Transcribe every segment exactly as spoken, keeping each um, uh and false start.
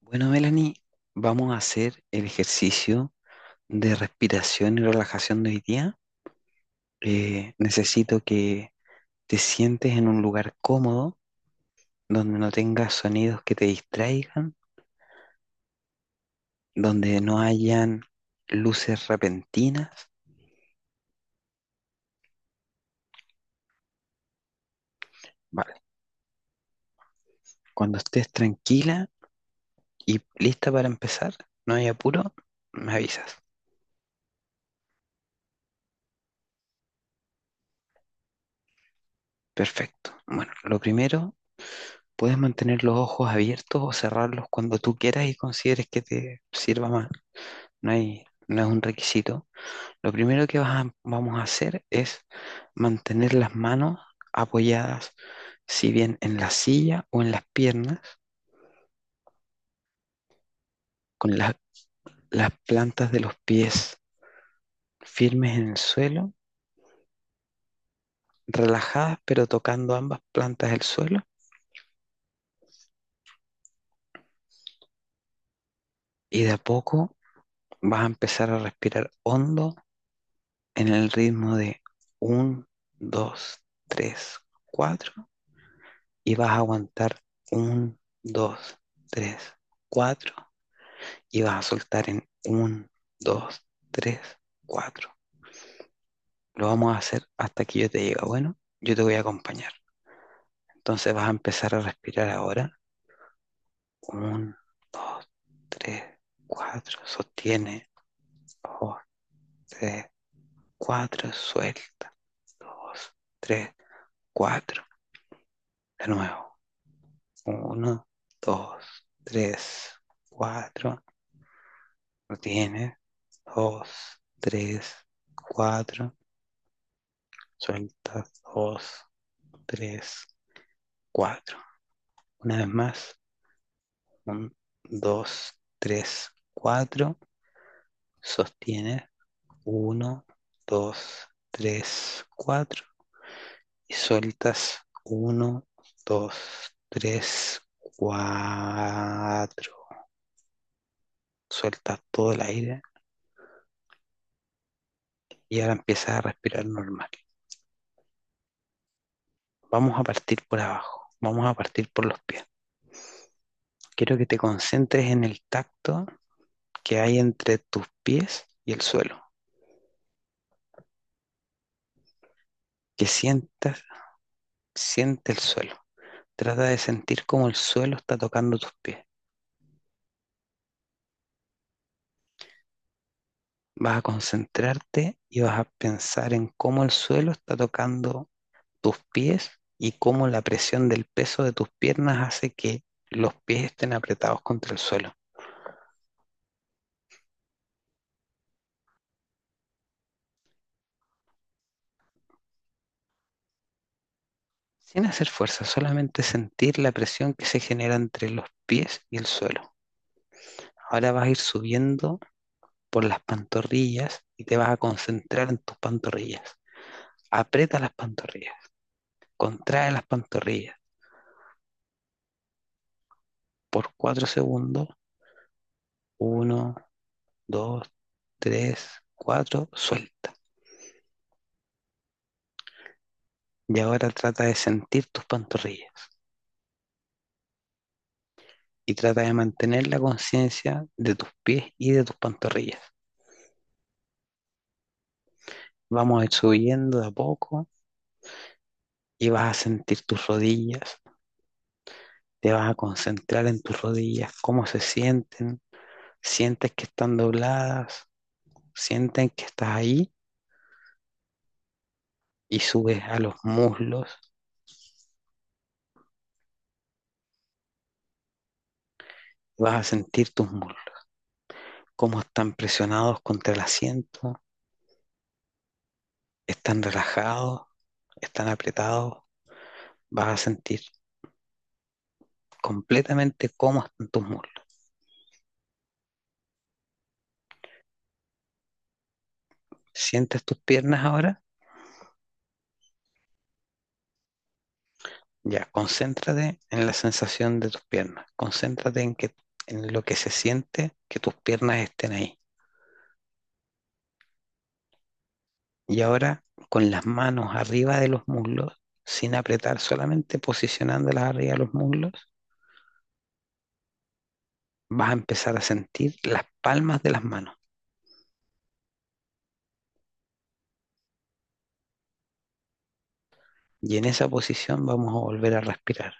Bueno, Melanie, vamos a hacer el ejercicio de respiración y relajación de hoy día. Eh, necesito que te sientes en un lugar cómodo, donde no tengas sonidos que te distraigan, donde no hayan luces repentinas. Vale, cuando estés tranquila y lista para empezar, no hay apuro, me avisas. Perfecto. Bueno, lo primero, puedes mantener los ojos abiertos o cerrarlos cuando tú quieras y consideres que te sirva más. No hay, no es un requisito. Lo primero que vas a- vamos a hacer es mantener las manos apoyadas, si bien en la silla o en las piernas, con la- las plantas de los pies firmes en el suelo, relajadas pero tocando ambas plantas del suelo. Y de a poco vas a empezar a respirar hondo en el ritmo de uno, dos, tres, cuatro, y vas a aguantar uno, dos, tres, cuatro, y vas a soltar en uno, dos, tres, cuatro. Lo vamos a hacer hasta que yo te diga, bueno, yo te voy a acompañar. Entonces vas a empezar a respirar ahora. Uno, dos, tres, cuatro. Sostiene. Dos, tres, cuatro. Suelta. Dos, tres, cuatro. De nuevo. Uno, dos, tres, cuatro. Retienes. Dos, tres, cuatro. Suelta. Dos, tres, cuatro. Una vez más, uno, dos, tres, cuatro. Sostienes uno, dos, tres, cuatro. Y sueltas uno, dos, tres, cuatro. Sueltas todo el aire y ahora empiezas a respirar normal. Vamos a partir por abajo, vamos a partir por los pies. Quiero que te concentres en el tacto que hay entre tus pies y el suelo, que sientas, siente el suelo. Trata de sentir cómo el suelo está tocando tus pies. Vas a concentrarte y vas a pensar en cómo el suelo está tocando tus pies y cómo la presión del peso de tus piernas hace que los pies estén apretados contra el suelo. Sin hacer fuerza, solamente sentir la presión que se genera entre los pies y el suelo. Ahora vas a ir subiendo por las pantorrillas y te vas a concentrar en tus pantorrillas. Aprieta las pantorrillas, contrae las pantorrillas por cuatro segundos. Uno, dos, tres, cuatro, suelta. Y ahora trata de sentir tus pantorrillas y trata de mantener la conciencia de tus pies y de tus pantorrillas. Vamos a ir subiendo de a poco y vas a sentir tus rodillas, te vas a concentrar en tus rodillas, cómo se sienten, sientes que están dobladas, sienten que estás ahí y subes a los muslos, vas a sentir tus muslos, cómo están presionados contra el asiento, están relajados, están apretados, vas a sentir completamente cómo están tus muslos. ¿Sientes tus piernas ahora? Ya, concéntrate en la sensación de tus piernas, concéntrate en, que, en lo que se siente que tus piernas estén ahí. Y ahora con las manos arriba de los muslos, sin apretar, solamente posicionándolas arriba de los muslos, vas a empezar a sentir las palmas de las manos. Y en esa posición vamos a volver a respirar.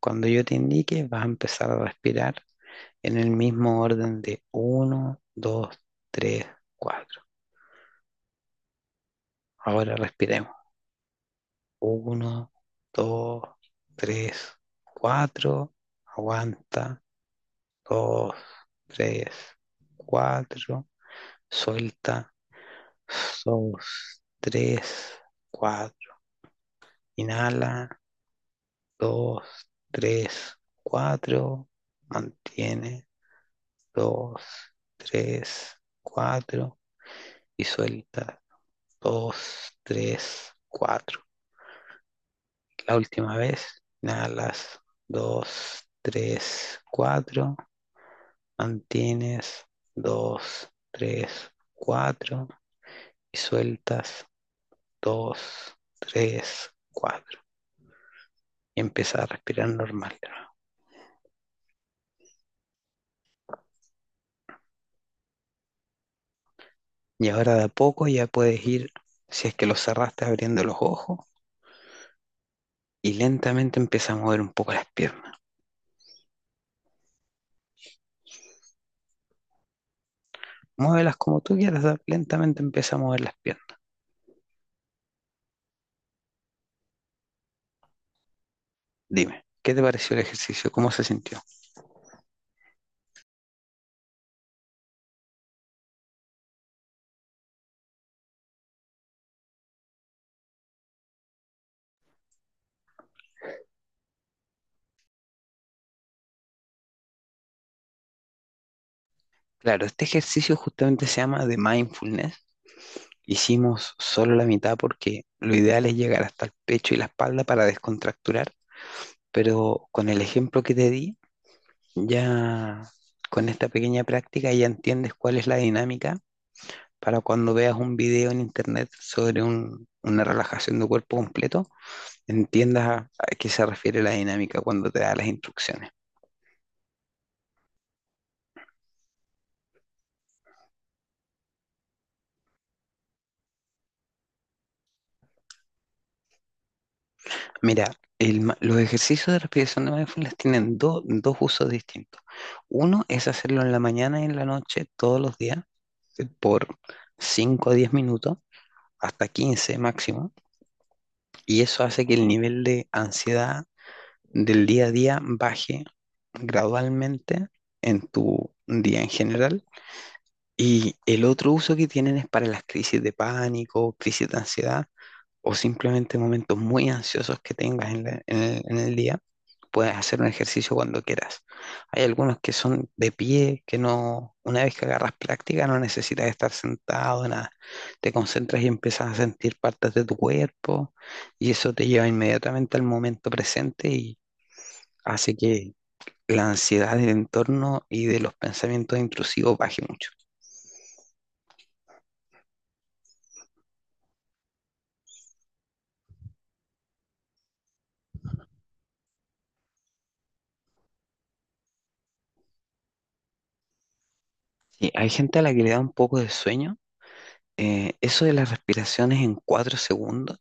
Cuando yo te indique, vas a empezar a respirar en el mismo orden de uno, dos, tres, cuatro. Ahora respiremos. Uno, dos, tres, cuatro. Aguanta. Dos, tres, cuatro. Suelta. Dos, tres, cuatro. Inhala. Dos, tres, cuatro. Mantiene. Dos, tres, cuatro. Y suelta. Dos, tres, cuatro. La última vez. Inhalas. Dos, tres, cuatro. Mantienes. Dos, tres, cuatro. Y sueltas. Dos, tres, cuatro. Y empiezas a respirar normal de nuevo. Y ahora de a poco ya puedes ir, si es que los cerraste abriendo los ojos, y lentamente empieza a mover un poco las piernas. Muévelas como tú quieras, lentamente empieza a mover las piernas. Dime, ¿qué te pareció el ejercicio? ¿Cómo se sintió? Claro, este ejercicio justamente se llama de mindfulness. Hicimos solo la mitad porque lo ideal es llegar hasta el pecho y la espalda para descontracturar, pero con el ejemplo que te di, ya con esta pequeña práctica ya entiendes cuál es la dinámica para cuando veas un video en internet sobre un- una relajación de cuerpo completo, entiendas a, a qué se refiere la dinámica cuando te da las instrucciones. Mira, el ma- los ejercicios de respiración de mindfulness tienen do- dos usos distintos. Uno es hacerlo en la mañana y en la noche todos los días eh, por cinco a diez minutos, hasta quince máximo, y eso hace que el nivel de ansiedad del día a día baje gradualmente en tu día en general. Y el otro uso que tienen es para las crisis de pánico, crisis de ansiedad, o simplemente momentos muy ansiosos que tengas en, la- en el, en el día, puedes hacer un ejercicio cuando quieras. Hay algunos que son de pie, que no, una vez que agarras práctica, no necesitas estar sentado, nada. Te concentras y empiezas a sentir partes de tu cuerpo y eso te lleva inmediatamente al momento presente y hace que la ansiedad del entorno y de los pensamientos intrusivos baje mucho. Sí, hay gente a la que le da un poco de sueño. Eh, eso de las respiraciones en cuatro segundos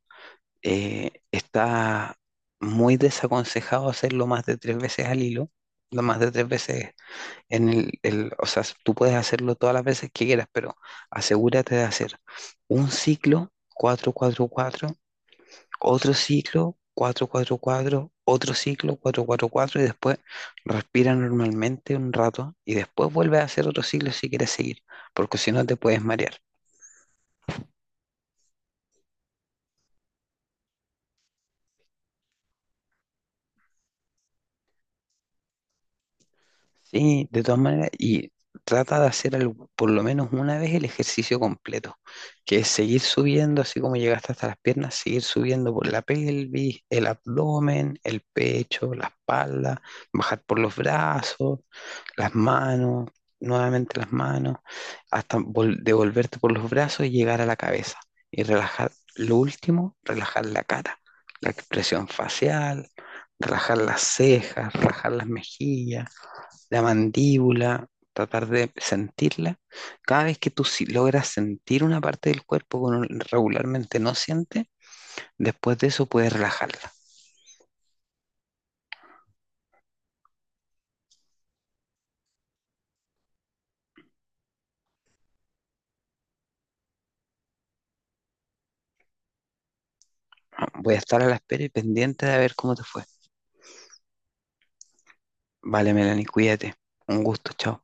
eh, está muy desaconsejado hacerlo más de tres veces al hilo, no más de tres veces en el, el- o sea, tú puedes hacerlo todas las veces que quieras, pero asegúrate de hacer un ciclo cuatro, cuatro, cuatro, otro ciclo cuatro, cuatro, cuatro, otro ciclo cuatro, cuatro, cuatro y después respira normalmente un rato y después vuelve a hacer otro ciclo si quieres seguir, porque si no te puedes marear. Sí, de todas maneras, y trata de hacer al- por lo menos una vez el ejercicio completo, que es seguir subiendo, así como llegaste hasta las piernas, seguir subiendo por la pelvis, el abdomen, el pecho, la espalda, bajar por los brazos, las manos, nuevamente las manos, hasta vol- devolverte por los brazos y llegar a la cabeza. Y relajar, lo último, relajar la cara, la expresión facial, relajar las cejas, relajar las mejillas, la mandíbula, tratar de sentirla. Cada vez que tú si- logras sentir una parte del cuerpo que uno regularmente no siente, después de eso puedes relajarla. Voy a estar a la espera y pendiente de ver cómo te fue. Vale, Melanie, cuídate. Un gusto, chao.